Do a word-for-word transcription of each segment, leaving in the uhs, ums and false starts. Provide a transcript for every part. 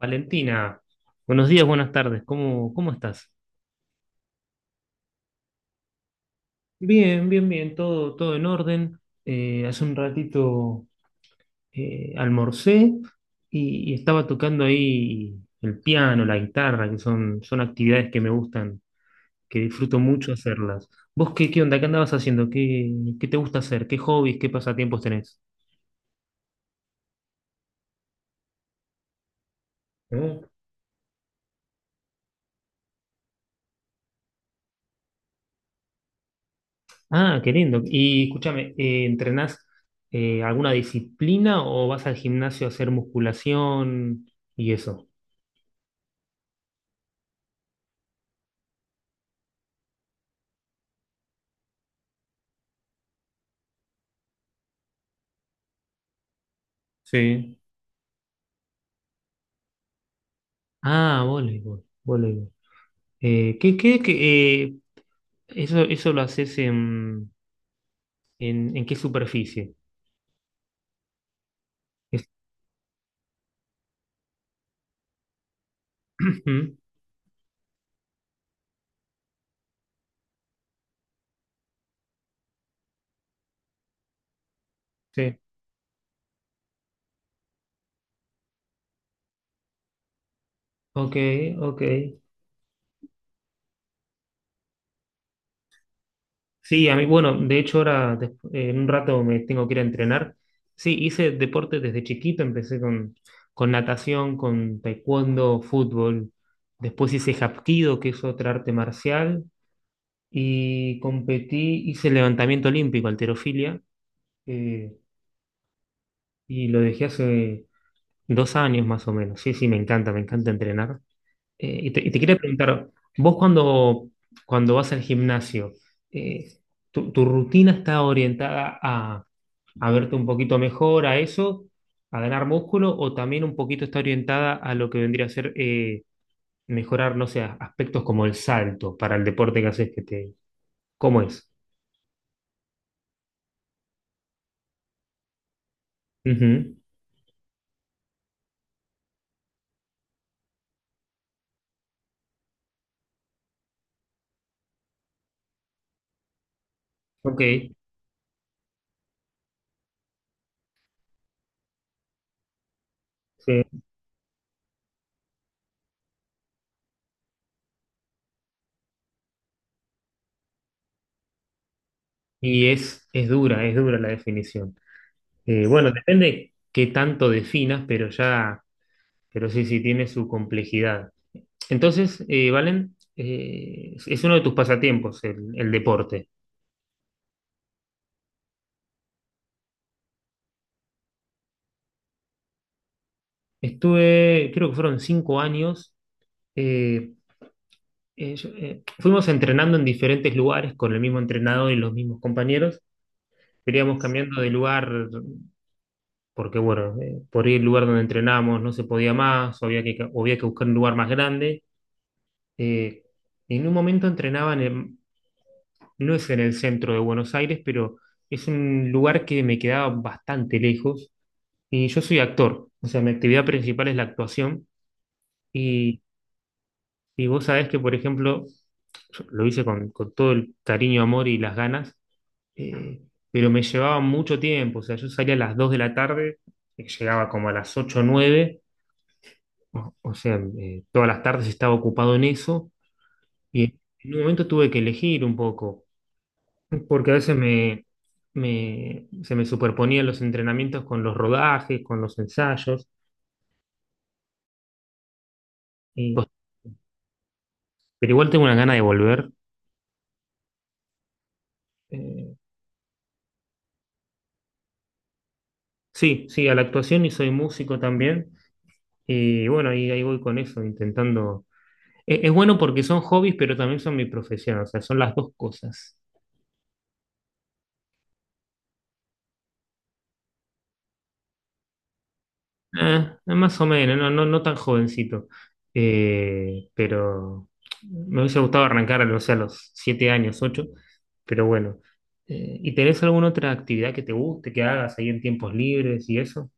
Valentina, buenos días, buenas tardes, ¿cómo, cómo estás? Bien, bien, bien, todo, todo en orden. Eh, hace un ratito eh, almorcé y, y estaba tocando ahí el piano, la guitarra, que son, son actividades que me gustan, que disfruto mucho hacerlas. ¿Vos qué, qué onda? ¿Qué andabas haciendo? ¿Qué, qué te gusta hacer? ¿Qué hobbies, qué pasatiempos tenés? Ah, qué lindo. Y escúchame, eh, ¿entrenás eh, alguna disciplina o vas al gimnasio a hacer musculación y eso? Sí. Ah, voleibol, voleibol. Eh, ¿qué, qué, qué, eh, eso, eso lo haces en, en, en, qué superficie? Es- Ujú. Sí. Ok, ok. Sí, a mí, bueno, de hecho ahora des- eh, en un rato me tengo que ir a entrenar. Sí, hice deporte desde chiquito, empecé con, con natación, con taekwondo, fútbol. Después hice hapkido, que es otra arte marcial, y competí, hice levantamiento olímpico, halterofilia, eh, y lo dejé hace dos años más o menos. Sí, sí, me encanta, me encanta entrenar. Eh, y te, y te, quería preguntar, vos cuando, cuando vas al gimnasio, eh, tu, tu rutina está orientada a a verte un poquito mejor, a eso, a ganar músculo, o también un poquito está orientada a lo que vendría a ser eh, mejorar, no sé, aspectos como el salto para el deporte que haces que te... ¿Cómo es? Ujú. Ok, sí. Y es, es dura, es dura la definición. Eh, bueno, depende qué tanto definas, pero ya, pero sí, sí, tiene su complejidad. Entonces, eh, Valen, eh, es uno de tus pasatiempos el, el deporte. Estuve, creo que fueron cinco años eh, eh, yo- eh, fuimos entrenando en diferentes lugares con el mismo entrenador y los mismos compañeros. Pero íbamos cambiando de lugar porque, bueno, eh, por ahí el lugar donde entrenábamos no se podía más, o había que, o había que buscar un lugar más grande. Eh, en un momento entrenaban, en, no es en el centro de Buenos Aires, pero es un lugar que me quedaba bastante lejos. Y yo soy actor, o sea, mi actividad principal es la actuación. Y, y vos sabés que, por ejemplo, yo lo hice con, con todo el cariño, amor y las ganas eh, pero me llevaba mucho tiempo, o sea, yo salía a las dos de la tarde, eh, llegaba como a las ocho o nueve, o, o sea, eh, todas las tardes estaba ocupado en eso, y en un momento tuve que elegir un poco, porque a veces me, me- se me superponían los entrenamientos con los rodajes, con los ensayos, y- pero igual tengo una gana de volver. eh, sí, sí, a la actuación y soy músico también, y bueno, ahí, ahí voy con eso, intentando. Eh, Es bueno porque son hobbies, pero también son mi profesión, o sea, son las dos cosas. Ah, más o menos, no, no, no tan jovencito. Eh, pero me hubiese gustado arrancar, a los- a los siete años, ocho, pero bueno. Eh, ¿y tenés alguna otra actividad que te guste, que hagas ahí en tiempos libres y eso?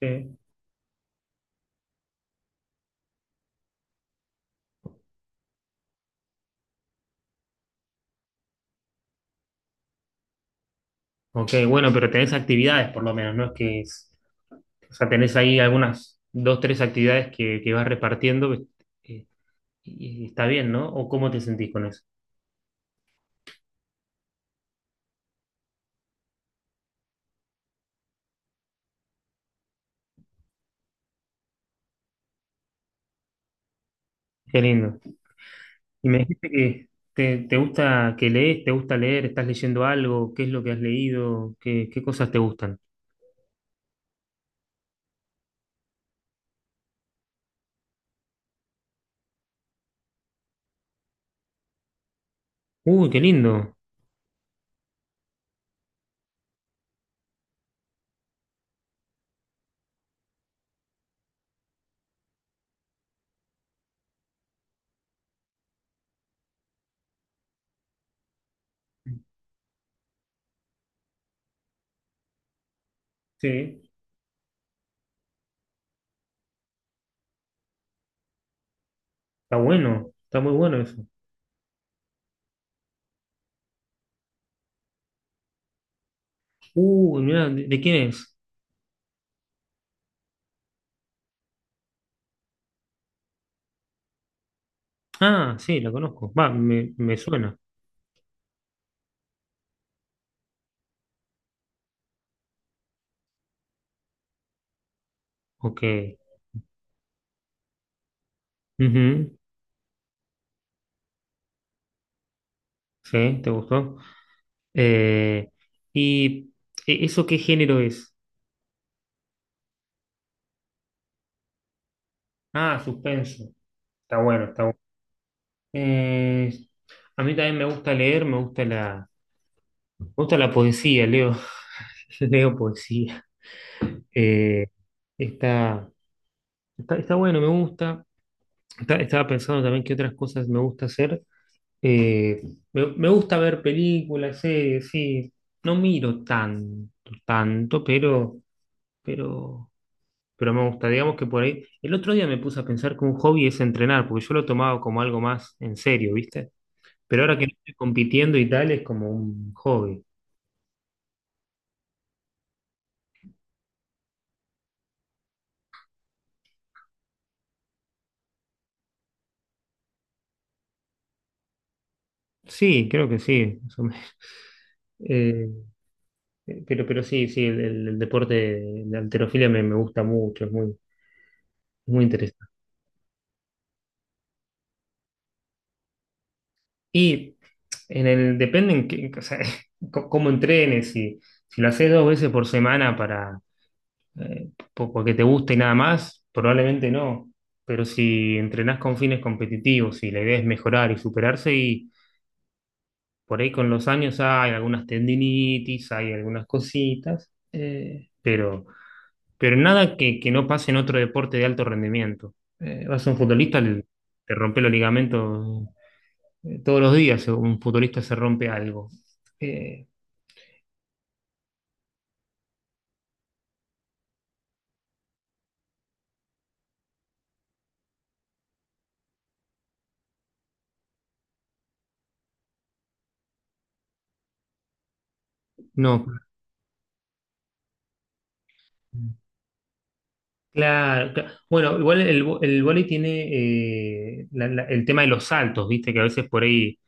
Sí. Ok, bueno, pero tenés actividades por lo menos, ¿no? Es que es- o sea, tenés ahí algunas, dos, tres actividades que, que vas repartiendo, eh, y, y está bien, ¿no? ¿O cómo te sentís con eso? Qué lindo. Y me dijiste que te, te, gusta que lees, te gusta leer, estás leyendo algo, qué es lo que has leído, qué, qué cosas te gustan. Uy, qué lindo. Sí, está bueno, está muy bueno eso. Uy, mira, ¿de, de quién es? Ah, sí, la conozco. Va, me, me suena. Ok. Ujú. Sí, ¿te gustó? Eh, ¿Y e- eso qué género es? Ah, suspenso. Está bueno, está bueno. Eh, a mí también me gusta leer, me gusta la. Me gusta la poesía, leo, leo poesía. Eh, está, está, está bueno, me gusta. Está- estaba pensando también qué otras cosas me gusta hacer. Eh, me, me gusta ver películas, series, sí. No miro tanto, tanto, pero, pero, pero, me gusta. Digamos que por ahí. El otro día me puse a pensar que un hobby es entrenar, porque yo lo tomaba como algo más en serio, ¿viste? Pero ahora que no estoy compitiendo y tal, es como un hobby. Sí, creo que sí, más o menos. Eh, Eh, Pero, pero sí, sí, el, el- el deporte de de halterofilia me, me gusta mucho, es muy, muy interesante. Y en el, depende en qué- o sea, co- cómo entrenes, si, si lo haces dos veces por semana para, eh, po- porque te gusta y nada más, probablemente no. Pero si entrenás con fines competitivos y la idea es mejorar y superarse, y por ahí con los años hay algunas tendinitis, hay algunas cositas, eh, pero. Pero nada que, que no pase en otro deporte de alto rendimiento. Eh, vas a un futbolista, le- te rompe los ligamentos eh, todos los días, eh, un futbolista se rompe algo. Eh, no, claro, cla- bueno, igual el, vo- el vóley tiene eh, la- la- el tema de los saltos, viste, que a veces por ahí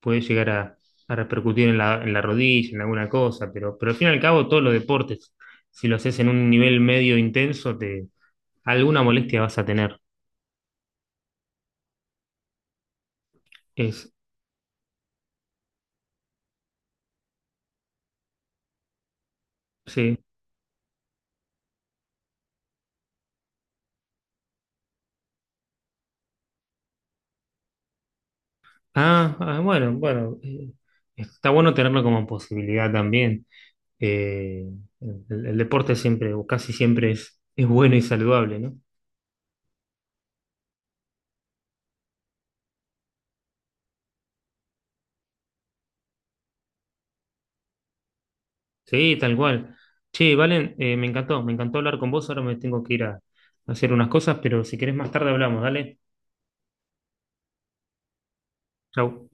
puede llegar a, a repercutir en la, en la rodilla, en alguna cosa, pero, pero al fin y al cabo todos los deportes, si lo haces en un nivel medio intenso, te, alguna molestia vas a tener. Es, sí. Ah, ah, bueno, bueno, eh, está bueno tenerlo como posibilidad también. Eh, el, el deporte siempre, o casi siempre es, es bueno y saludable, ¿no? Sí, tal cual. Che, Valen, eh, me encantó, me encantó hablar con vos, ahora me tengo que ir a, a, hacer unas cosas, pero si querés más tarde hablamos, dale. Chau.